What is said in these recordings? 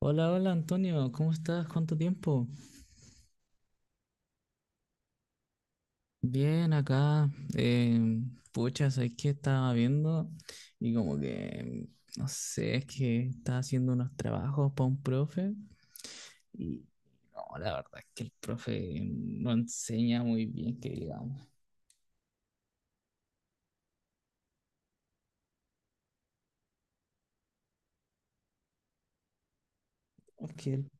Hola, hola Antonio, ¿cómo estás? ¿Cuánto tiempo? Bien, acá. Eh, Pucha, ¿sabes qué estaba viendo? Y como que, no sé, es que estaba haciendo unos trabajos para un profe y no, la verdad es que el profe no enseña muy bien, que digamos. Es que el,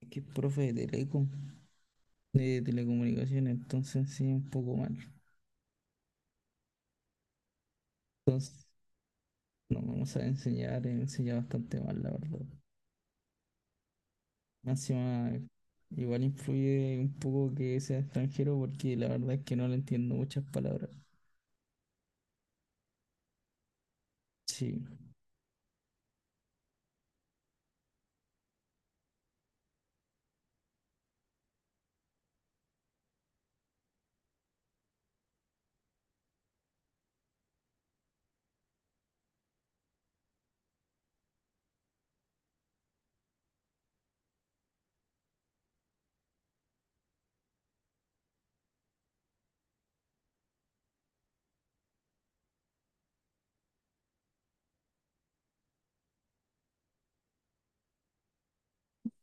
es que el profe de telecom de telecomunicaciones, entonces sí, un poco mal. Entonces, no sabe enseñar, enseña bastante mal, la verdad. Más encima, igual influye un poco que sea extranjero porque la verdad es que no le entiendo muchas palabras. Sí,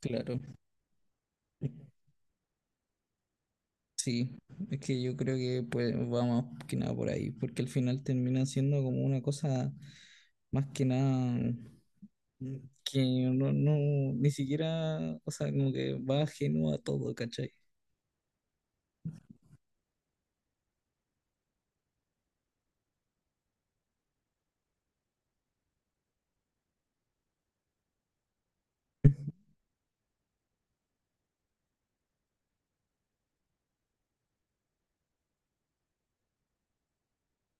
claro, sí. Es que yo creo que pues va más que nada por ahí, porque al final termina siendo como una cosa más que nada, mm, que no, ni siquiera, o sea, como que va ajeno a todo, ¿cachai?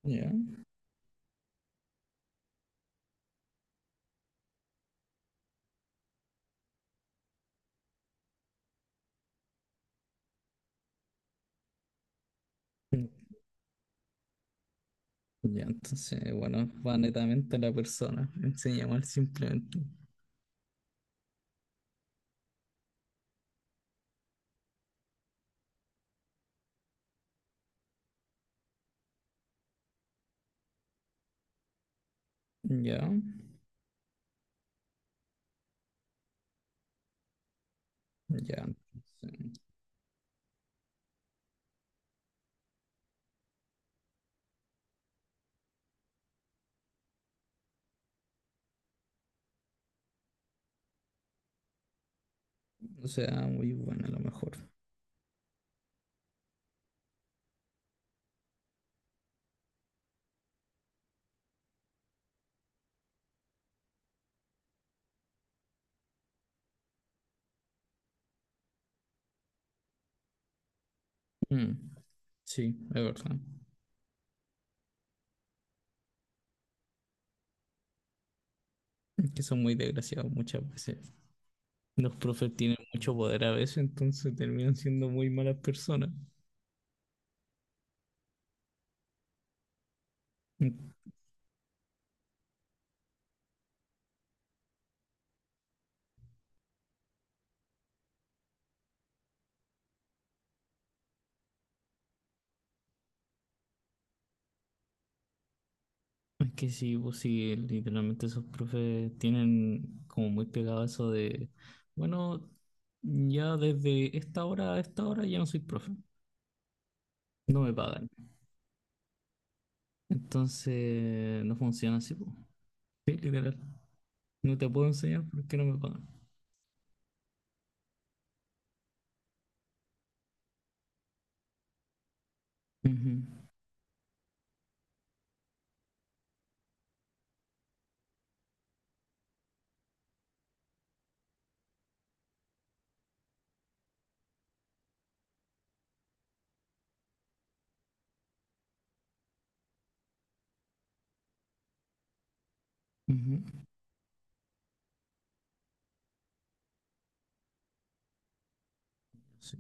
Ya. Mm. Ya, entonces, bueno, va netamente a la persona. Enseña mal simplemente. Ya, ya. O sea, muy buena a lo mejor. Mm, sí, es verdad. Es que son muy desgraciados muchas veces. Los profes tienen mucho poder a veces, entonces terminan siendo muy malas personas. Mm. Es que sí, pues sí, literalmente esos profes tienen como muy pegado eso de, bueno, ya desde esta hora a esta hora ya no soy profe, no me pagan. Entonces no funciona así, pues. Sí, literal. No te puedo enseñar porque no me pagan. Ujú, ujú. Sí.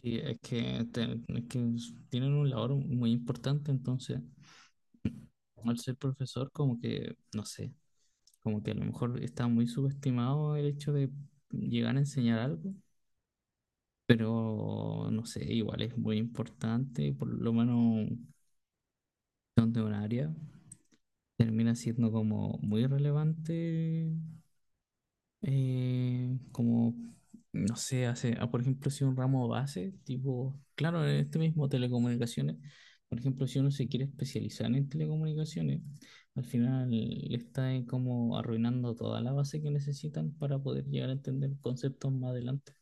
Sí, es que tienen un labor muy importante, entonces al ser profesor como que, no sé, como que a lo mejor está muy subestimado el hecho de llegar a enseñar algo, pero no sé, igual es muy importante, por lo menos donde un área termina siendo como muy relevante eh, como, no sé, por ejemplo, si un ramo base, tipo, claro, en este mismo telecomunicaciones, por ejemplo, si uno se quiere especializar en telecomunicaciones, al final le está como arruinando toda la base que necesitan para poder llegar a entender conceptos más adelante.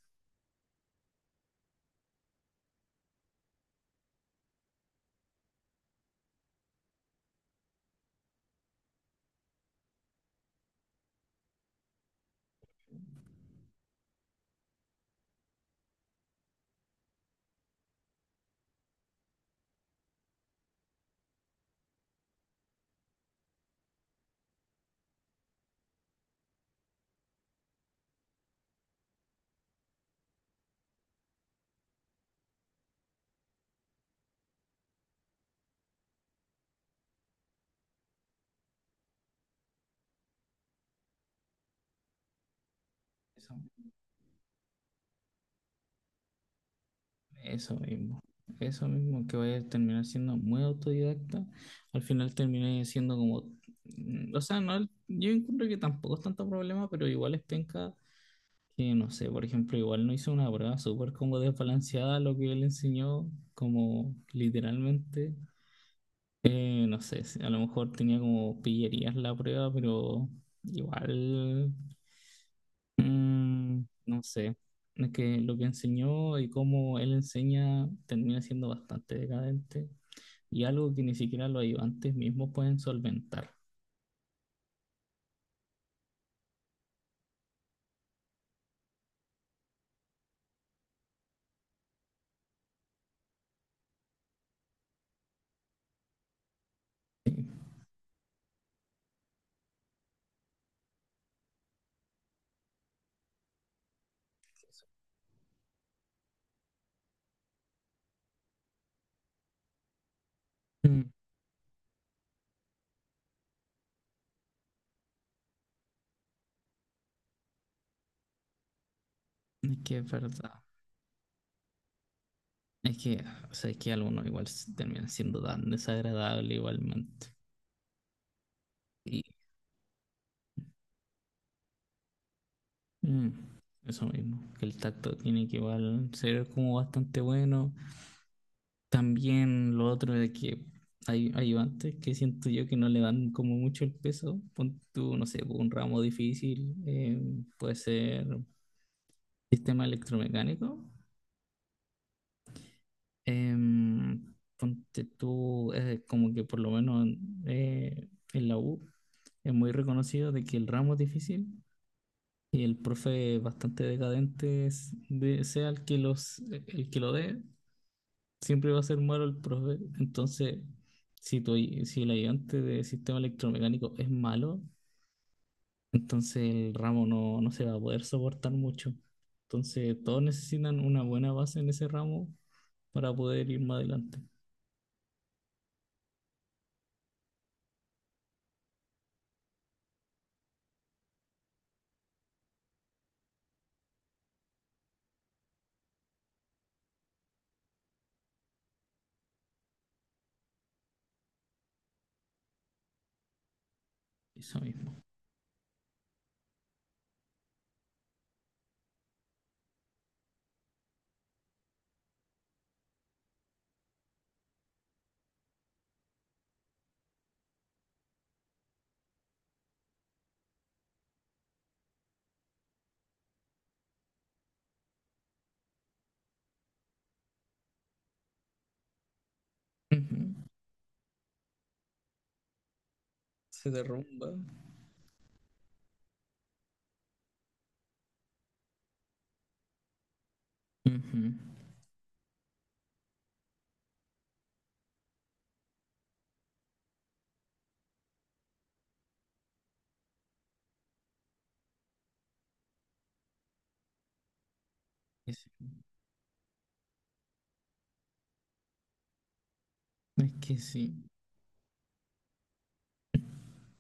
Eso, eso mismo, eso mismo, que vaya a terminar siendo muy autodidacta, al final terminé siendo como, o sea, no, yo encuentro que tampoco es tanto problema, pero igual es penca que no sé, por ejemplo, igual no hizo una prueba súper como desbalanceada lo que él enseñó, como literalmente, no sé, si a lo mejor tenía como pillerías la prueba, pero igual, no sé, es que lo que enseñó y cómo él enseña termina siendo bastante decadente y algo que ni siquiera los ayudantes mismos pueden solventar. Mm. Es que es verdad. Es que, o sea, es que algunos igual terminan siendo tan desagradable igualmente. Y mm, eso mismo, que el tacto tiene que igual ser como bastante bueno. También lo otro de que hay ayudantes que siento yo que no le dan como mucho el peso. Pon tú, no sé, pues, un ramo difícil, puede ser sistema electromecánico. Ponte tú, como que por lo menos eh, en la U es muy reconocido de que el ramo es difícil. Y el profe bastante decadente sea el que los el que lo dé, siempre va a ser malo el profe. Entonces, si tu, si el ayudante de sistema electromecánico es malo, entonces el ramo no se va a poder soportar mucho. Entonces, todos necesitan una buena base en ese ramo para poder ir más adelante. Eso mismo. Ujú. Se derrumba. Ujú. Es es que sí.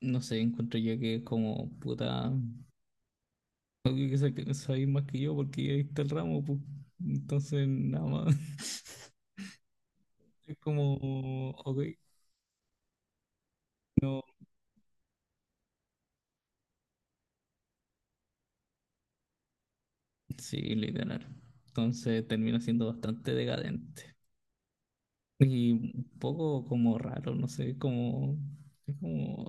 No sé, encuentro yo que como puta. Obvio que sabéis más que yo porque ya está el ramo, pues. Entonces, nada más. Es como, ok, no. Sí, literal. Entonces termina siendo bastante decadente. Y un poco como raro, no sé, como, es como,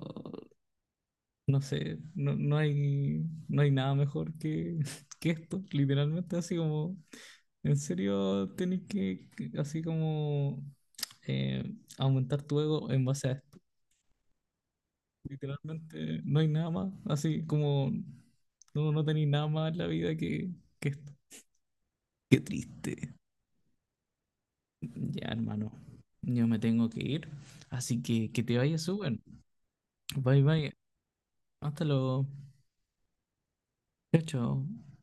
no sé, no hay, no hay nada mejor que, que esto, literalmente, así como, en serio, así como, eh, aumentar tu ego en base a esto. Literalmente no hay nada más, así como no, no tenéis nada más en la vida que esto. Qué triste. Ya, hermano, yo me tengo que ir, así que te vayas súper. Bye, bye. Hasta luego. Chao, chao.